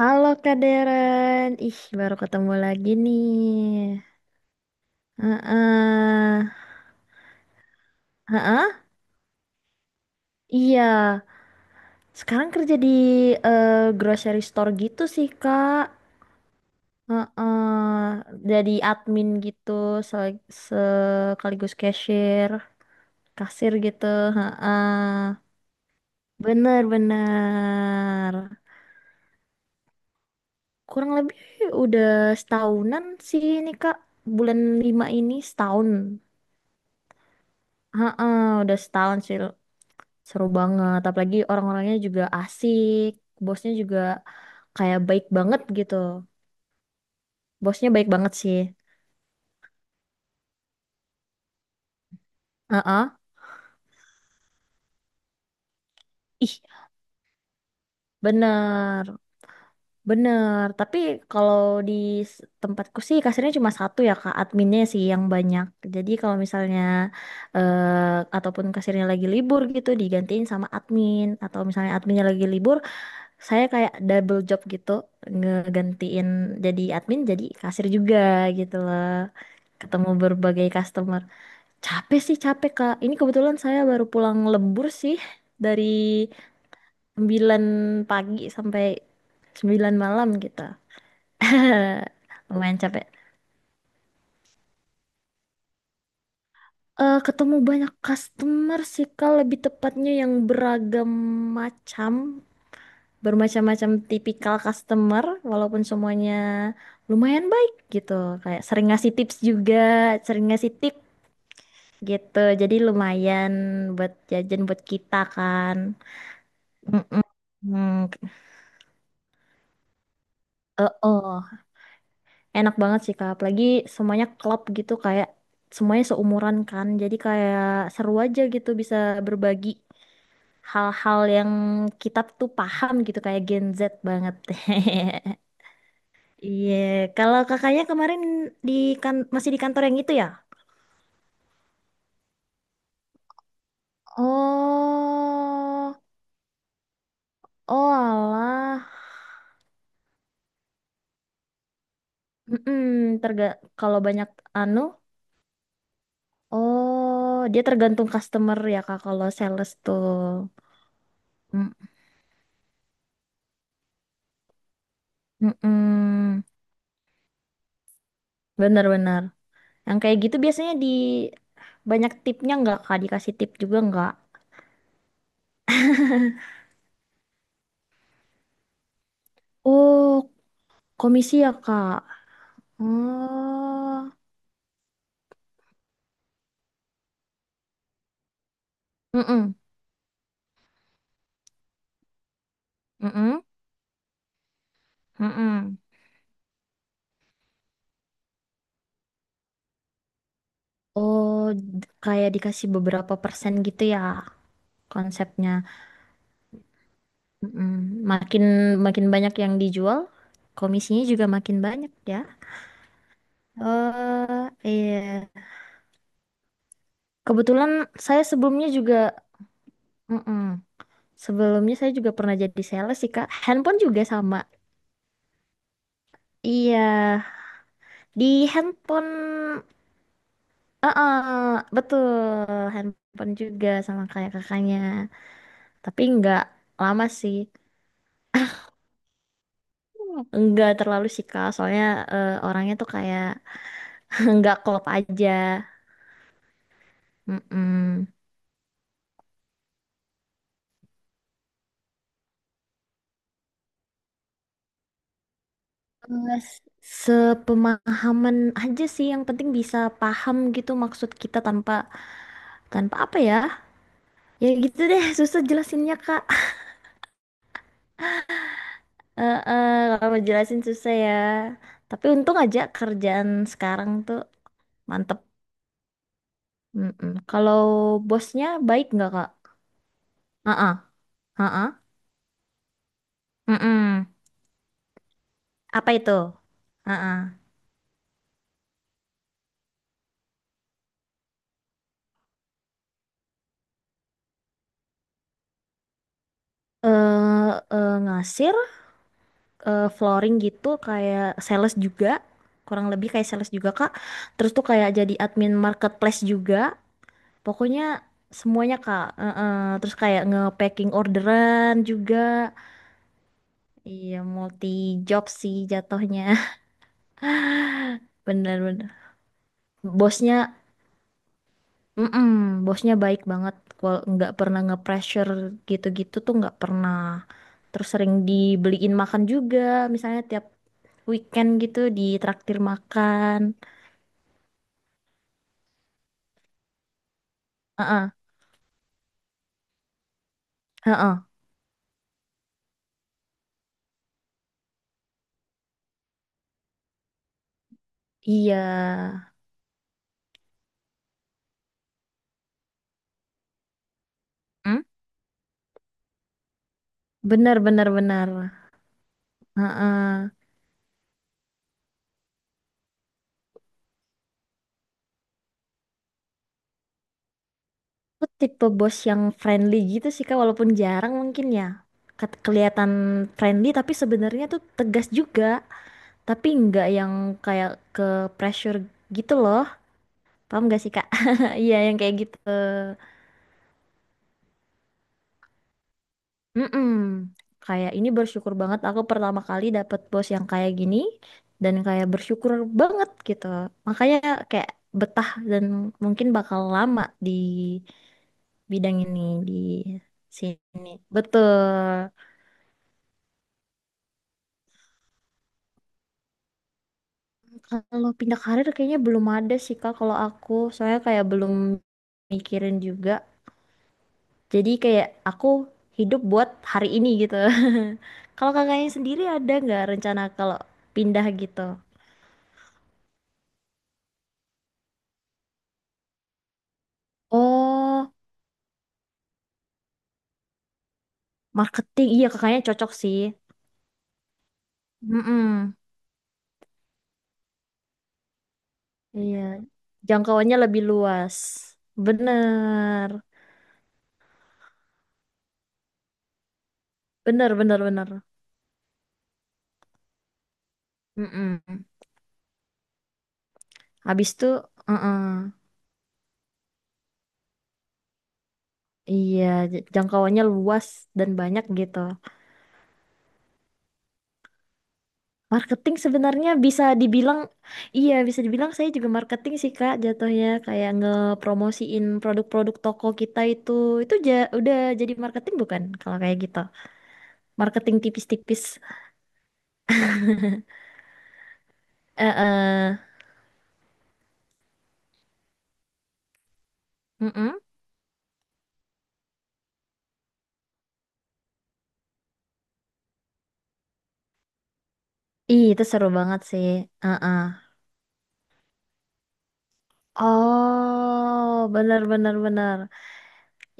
Halo Kak Deren, ih baru ketemu lagi nih. Heeh, heeh, iya. Sekarang kerja di eh, grocery store gitu sih Kak. Heeh, jadi admin gitu, sekaligus cashier, kasir gitu. Heeh, bener-bener. Kurang lebih udah setahunan sih ini Kak. Bulan lima ini setahun. Heeh, udah setahun sih. Seru banget, apalagi orang-orangnya juga asik, bosnya juga kayak baik banget gitu. Bosnya baik banget sih. Heeh. Ih, bener, bener. Tapi kalau di tempatku sih kasirnya cuma satu ya Kak, adminnya sih yang banyak. Jadi kalau misalnya eh, ataupun kasirnya lagi libur gitu digantiin sama admin atau misalnya adminnya lagi libur, saya kayak double job gitu, ngegantiin jadi admin jadi kasir juga gitu loh, ketemu berbagai customer. Capek sih capek Kak, ini kebetulan saya baru pulang lembur sih, dari 9 pagi sampai 9 malam gitu. Lumayan capek. Ketemu banyak customer sih Kak, lebih tepatnya yang beragam macam, bermacam-macam tipikal customer, walaupun semuanya lumayan baik gitu, kayak sering ngasih tips juga, sering ngasih tip gitu, jadi lumayan buat jajan buat kita kan. Mm-mm. Hmm, oh enak banget sih kak, apalagi semuanya klop gitu, kayak semuanya seumuran kan, jadi kayak seru aja gitu, bisa berbagi hal-hal yang kita tuh paham gitu, kayak Gen Z banget. Iya, kalau kakaknya kemarin di, kan masih di kantor yang itu ya? Oh, oh alah. Mm terga Kalau banyak anu, oh, dia tergantung customer ya kak kalau sales tuh. Mm, mm-mm, benar-benar. Yang kayak gitu biasanya di, banyak tipnya nggak kak? Dikasih tip juga nggak? Oh, komisi ya kak? Oh. Mm-mm, mm-mm, mm-mm. Oh, kayak dikasih beberapa persen gitu ya konsepnya. Mm-mm. Makin makin banyak yang dijual, komisinya juga makin banyak ya. Oh, iya. Kebetulan saya sebelumnya juga, mm-mm. Sebelumnya saya juga pernah jadi sales sih Kak. Handphone juga sama. Iya, di handphone, uh betul, handphone juga sama kayak kakaknya. Tapi nggak lama sih. Enggak terlalu sih Kak, soalnya orangnya tuh kayak, enggak klop aja. Mm-mm. Eh, s- Sepemahaman aja sih, yang penting bisa paham gitu maksud kita tanpa, apa ya? Ya gitu deh, susah jelasinnya Kak. Eh, eh, Kalau jelasin susah ya. Tapi untung aja kerjaan sekarang tuh mantep. Mm-mm. Kalau bosnya baik nggak Kak? Heeh. Mm-mm. Apa itu? Heeh. Eh, Ngasih flooring gitu, kayak sales juga, kurang lebih kayak sales juga kak, terus tuh kayak jadi admin marketplace juga, pokoknya semuanya kak. Eh. Terus kayak nge-packing orderan juga, iya multi job sih jatuhnya. Bener-bener, bosnya, mm-mm, bosnya baik banget, kalau nggak pernah nge-pressure gitu-gitu tuh nggak pernah, terus sering dibeliin makan juga, misalnya tiap weekend gitu ditraktir makan. Heeh, heeh. Iya, hmm? Benar benar benar. Heeh. Aku tipe bos yang friendly gitu sih Kak, walaupun jarang mungkin ya. Kelihatan friendly tapi sebenarnya tuh tegas juga, tapi nggak yang kayak ke pressure gitu loh. Paham gak sih Kak? Iya, yang kayak gitu. Mm-mm. Kayak ini bersyukur banget aku pertama kali dapet bos yang kayak gini, dan kayak bersyukur banget gitu. Makanya kayak betah, dan mungkin bakal lama di bidang ini, di sini. Betul. Kalau pindah karir kayaknya belum ada sih Kak kalau aku. Soalnya kayak belum mikirin juga. Jadi kayak aku hidup buat hari ini gitu. Kalau kakaknya sendiri ada nggak rencana kalau pindah gitu? Oh, marketing. Iya kakaknya cocok sih. Mm-mm. Iya. Jangkauannya lebih luas. Bener. Bener, bener, bener. Mm-mm. Habis itu, uh-uh. Iya, jangkauannya luas dan banyak gitu. Marketing sebenarnya bisa dibilang, iya bisa dibilang saya juga marketing sih Kak jatuhnya, kayak ngepromosiin produk-produk toko kita itu ja, udah jadi marketing bukan kalau kayak gitu. Marketing tipis-tipis. Eh, eh, mm-mm. Ih, itu seru banget sih. Eh, eh. Oh, benar-benar benar benar benar.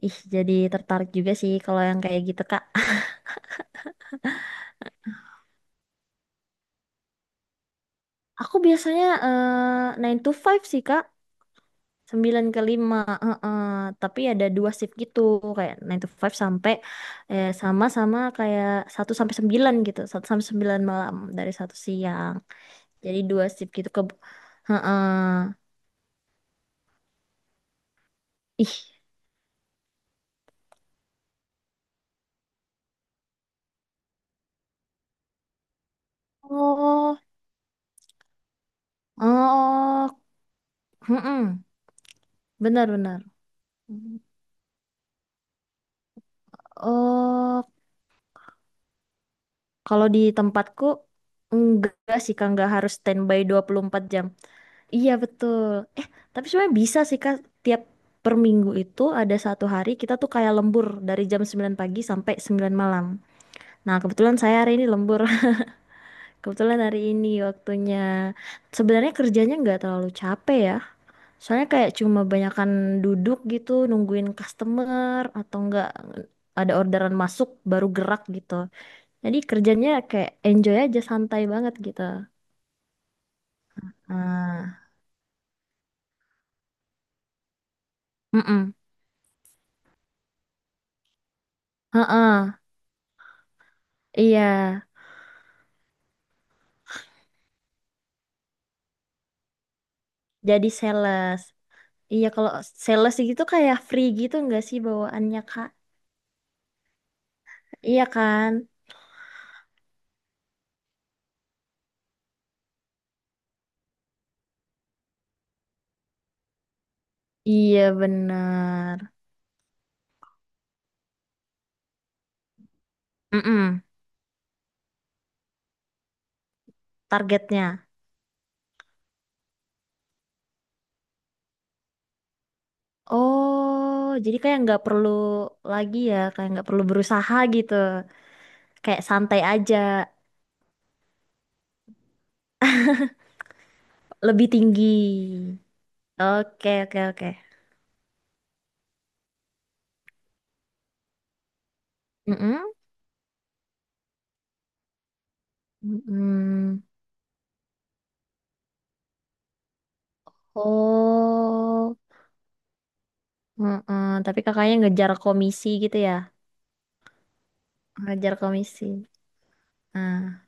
Ih, jadi tertarik juga sih kalau yang kayak gitu Kak. Aku biasanya 9 to five sih Kak. 9 ke 5, heeh. Tapi ada dua shift gitu, kayak nine to five sampai sama-sama kayak satu sampai 9 gitu, satu sampai 9 malam dari satu siang. Jadi dua shift gitu heeh. Ih, oh, oh, heeh. Benar-benar. Oh, kalau di tempatku enggak sih Kak, enggak harus standby 24 jam. Iya betul. Tapi sebenarnya bisa sih Kak, tiap per minggu itu ada satu hari kita tuh kayak lembur dari jam 9 pagi sampai 9 malam. Nah, kebetulan saya hari ini lembur. Kebetulan hari ini waktunya. Sebenarnya kerjanya nggak terlalu capek ya. Soalnya kayak cuma banyakan duduk gitu, nungguin customer atau nggak ada orderan masuk baru gerak gitu. Jadi kerjanya kayak enjoy aja, santai banget gitu. Nah, mm-mm. Heeh, iya, jadi sales. Iya kalau sales gitu kayak free gitu nggak sih bawaannya Kak? Iya kan? Iya bener. Mm-mm, targetnya. Oh, jadi kayak nggak perlu lagi ya, kayak nggak perlu berusaha gitu. Kayak santai aja, lebih tinggi. Oke, oke, oke. Mm-mm. Mm-mm. Oh, mm-mm. Tapi kakaknya ngejar komisi gitu ya? Ngejar komisi. Nah.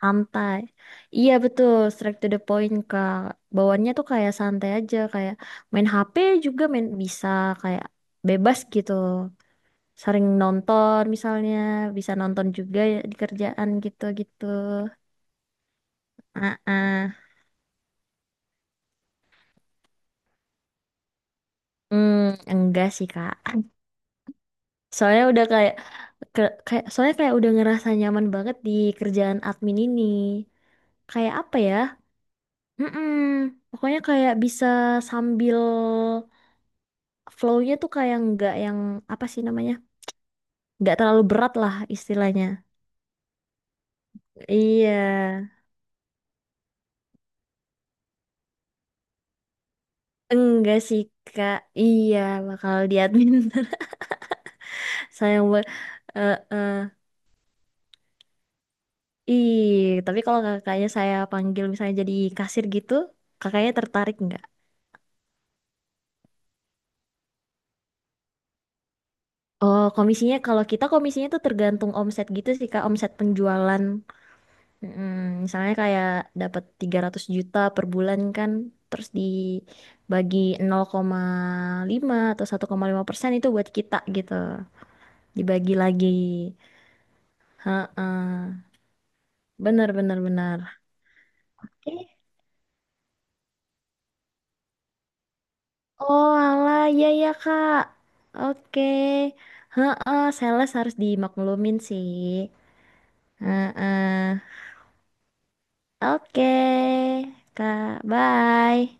Santai. Iya betul, straight to the point Kak. Bawaannya tuh kayak santai aja, kayak main HP juga main bisa, kayak bebas gitu. Sering nonton misalnya, bisa nonton juga ya di kerjaan gitu-gitu. Ah, ah. Hmm, enggak sih Kak. Soalnya udah kayak, kayak soalnya kayak udah ngerasa nyaman banget di kerjaan admin ini. Kayak apa ya? Mm-mm. Pokoknya kayak bisa sambil, flow-nya tuh kayak nggak yang, apa sih namanya? Nggak terlalu berat lah istilahnya. Iya. Enggak sih, Kak. Iya, bakal di admin. Saya mau eh eh. Ih, tapi kalau kakaknya saya panggil misalnya jadi kasir gitu, kakaknya tertarik nggak? Oh, komisinya kalau kita komisinya tuh tergantung omset gitu sih, Kak, omset penjualan. Mm, misalnya kayak dapat 300 juta per bulan kan, terus dibagi 0,5 atau 1,5% itu buat kita gitu. Dibagi lagi. Heeh. Bener, bener, bener. Oke. Oh alah, iya ya Kak. Oke. Heeh, sales harus dimaklumin sih. Heeh. Oke, Kak. Bye.